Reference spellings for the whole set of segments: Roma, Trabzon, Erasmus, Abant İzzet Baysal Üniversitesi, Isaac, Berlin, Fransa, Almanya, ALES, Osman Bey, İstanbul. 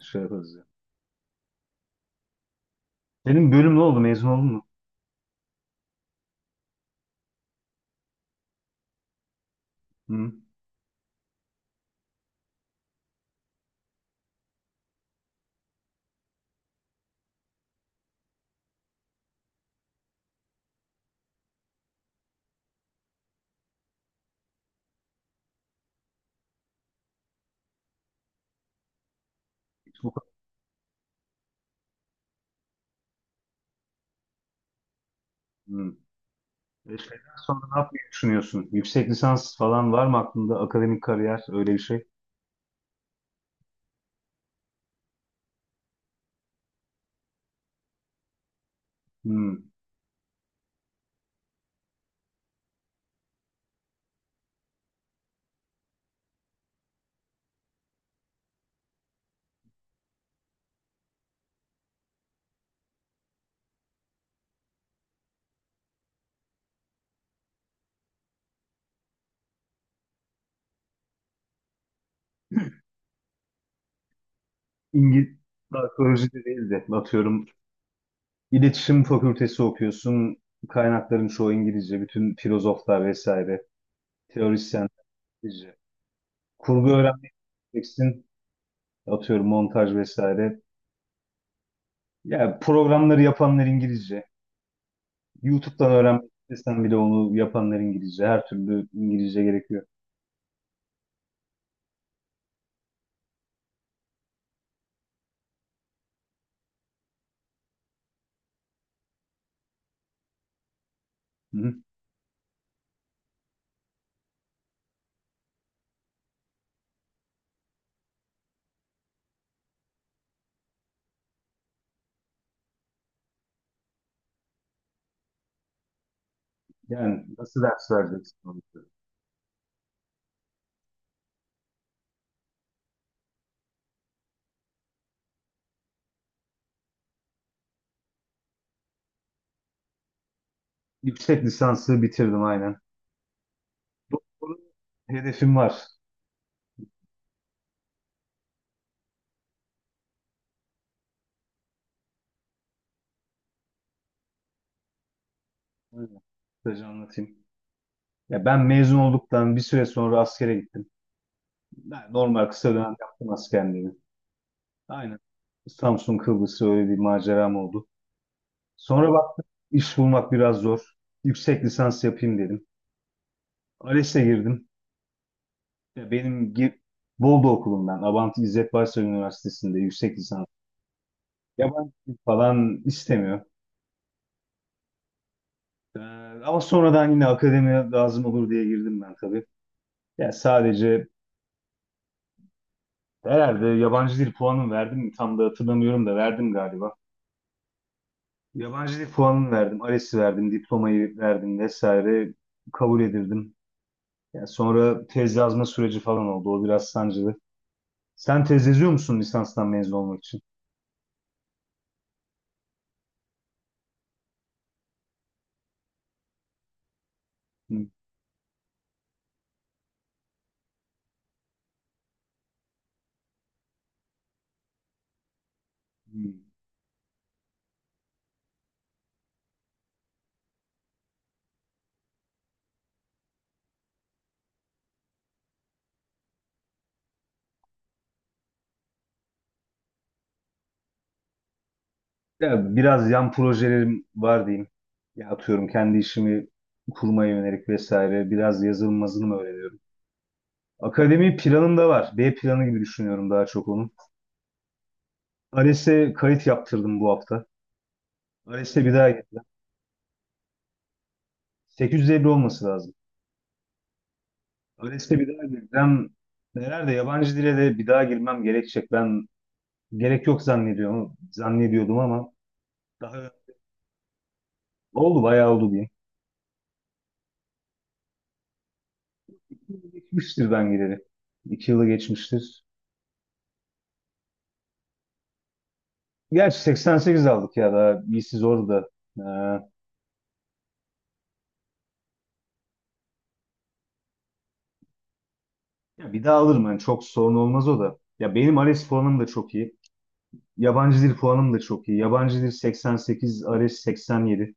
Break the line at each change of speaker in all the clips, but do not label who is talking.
Şey yaparız ya. Senin bölüm ne oldu? Mezun oldun mu? Hı? Hiç bu kadar. Hı. Şeyden sonra ne yapmayı düşünüyorsun? Yüksek lisans falan var mı aklında? Akademik kariyer öyle bir şey. Hı. İngiliz arkeoloji de değil de atıyorum iletişim fakültesi okuyorsun. Kaynakların çoğu İngilizce. Bütün filozoflar vesaire. Teorisyenler İngilizce. Kurgu öğrenmek isteyeceksin. Atıyorum montaj vesaire. Yani programları yapanlar İngilizce. YouTube'dan öğrenmek istesen bile onu yapanlar İngilizce. Her türlü İngilizce gerekiyor. Hı-hı. Yani nasıl ders vereceksin? Onu? Yüksek lisansı bitirdim aynen. Doktora hedefim var. Öyle. Kısaca anlatayım. Ya ben mezun olduktan bir süre sonra askere gittim. Ben normal kısa dönem yaptım askerliğimi. Aynen. Samsun Kıbrıs öyle bir maceram oldu. Sonra baktım iş bulmak biraz zor. Yüksek lisans yapayım dedim. ALES'e girdim. Ya benim gi- Bolu okulumdan, Abant İzzet Baysal Üniversitesi'nde yüksek lisans. Yabancı dil falan istemiyor. Ee, Ama sonradan yine akademiye lazım olur diye girdim ben tabii. Ya sadece herhalde yabancı dil puanım verdim mi? Tam da hatırlamıyorum da verdim galiba. Yabancı dil puanını verdim, ALES'i verdim, diplomayı verdim vesaire kabul edildim. Ya sonra tez yazma süreci falan oldu. O biraz sancılı. Sen tez yazıyor musun lisanstan mezun olmak için? Hı, hı. Ya biraz yan projelerim var diyeyim. Ya atıyorum kendi işimi kurmaya yönelik vesaire. Biraz yazılım mı öğreniyorum. Akademi planım da var. B planı gibi düşünüyorum daha çok onu. ALES'e kayıt yaptırdım bu hafta. ALES'e bir daha gireceğim. 850 olması lazım. ALES'e bir daha gireceğim. Nerede yabancı dile de bir daha girmem gerekecek. Ben gerek yok zannediyorum. Zannediyordum ama daha oldu, bayağı oldu diyeyim. Geçmiştir ben gireli. İki yılı geçmiştir. Gerçi 88 aldık ya daha iyisi zor da. Ee, Ya bir daha alırım yani çok sorun olmaz o da. Ya benim ALES puanım da çok iyi. Yabancı dil puanım da çok iyi. Yabancı dil 88, ALES 87.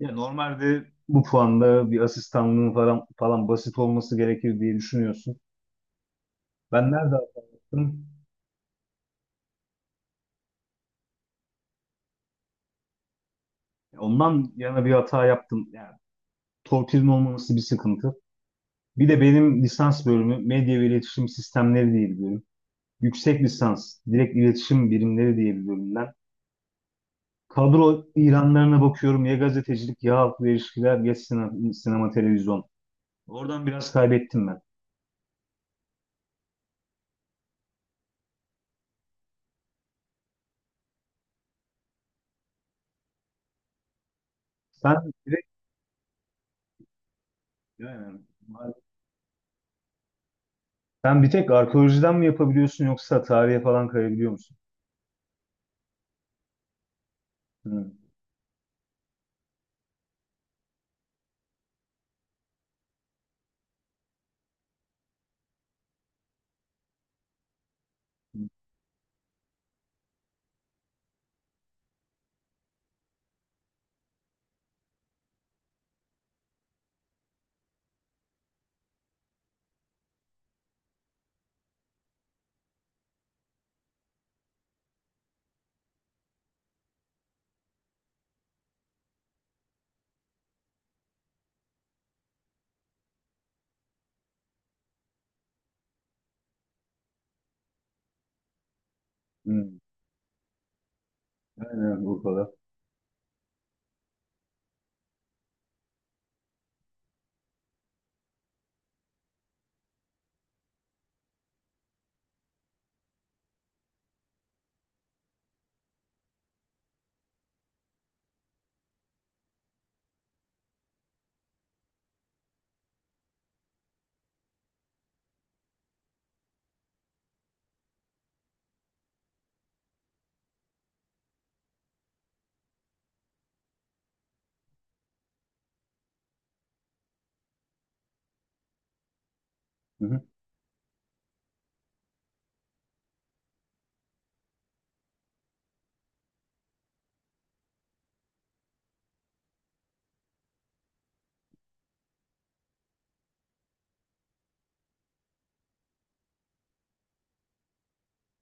Ya normalde bu puanda bir asistanlığın falan falan basit olması gerekir diye düşünüyorsun. Ben nerede hata yaptım? Ondan yana bir hata yaptım. Yani torpilin olmaması bir sıkıntı. Bir de benim lisans bölümü medya ve iletişim sistemleri diye bir bölüm, yüksek lisans direkt iletişim birimleri diye bir bölümden. Kadro ilanlarına bakıyorum. Ya gazetecilik ya halkla ilişkiler ya sinema, sinema televizyon. Oradan biraz kaybettim ben. Sen direkt yani, Sen bir tek arkeolojiden mi yapabiliyorsun yoksa tarihe falan kayabiliyor musun? Hı. Hı. Aynen Urfa'da. Hı hı.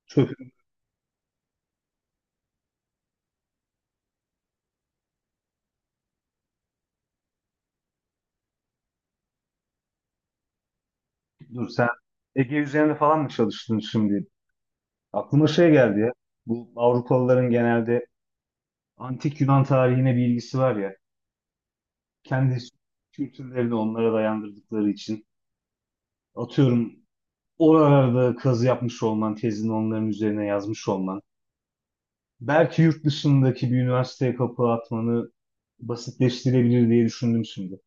Çöp. Dur sen, Ege üzerinde falan mı çalıştın şimdi? Aklıma şey geldi ya. Bu Avrupalıların genelde antik Yunan tarihine bir ilgisi var ya. Kendi kültürlerini onlara dayandırdıkları için. Atıyorum oralarda kazı yapmış olman, tezini onların üzerine yazmış olman, belki yurt dışındaki bir üniversiteye kapı atmanı basitleştirebilir diye düşündüm şimdi.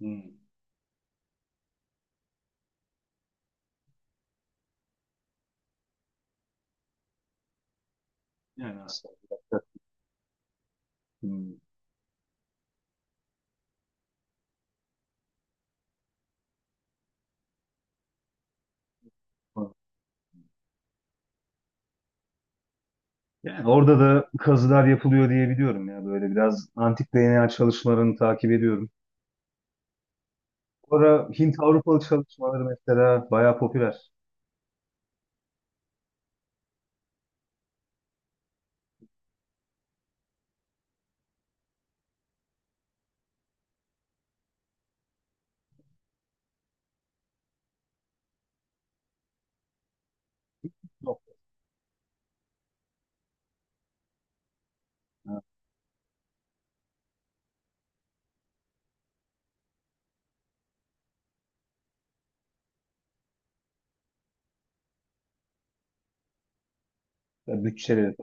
Hmm. Yani aslında bir dakika. Hmm. Yani orada da kazılar yapılıyor diye biliyorum ya, böyle biraz antik DNA çalışmalarını takip ediyorum. Sonra Hint Avrupalı çalışmaları mesela bayağı popüler. Çok. Ha. Bütçeleri.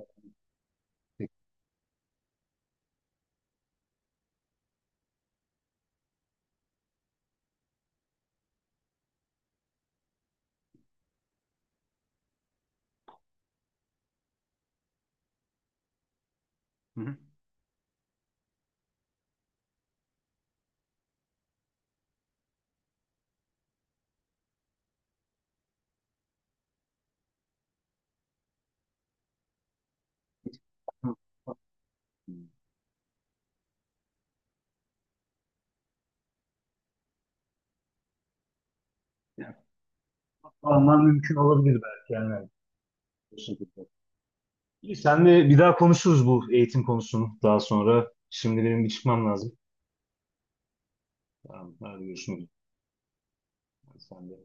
Hı hı. Hı. Yani, Alman mümkün olabilir belki yani. Bu şekilde. İyi, senle bir daha konuşuruz bu eğitim konusunu daha sonra. Şimdi benim bir çıkmam lazım. Tamam, hadi görüşmek üzere. Sen de.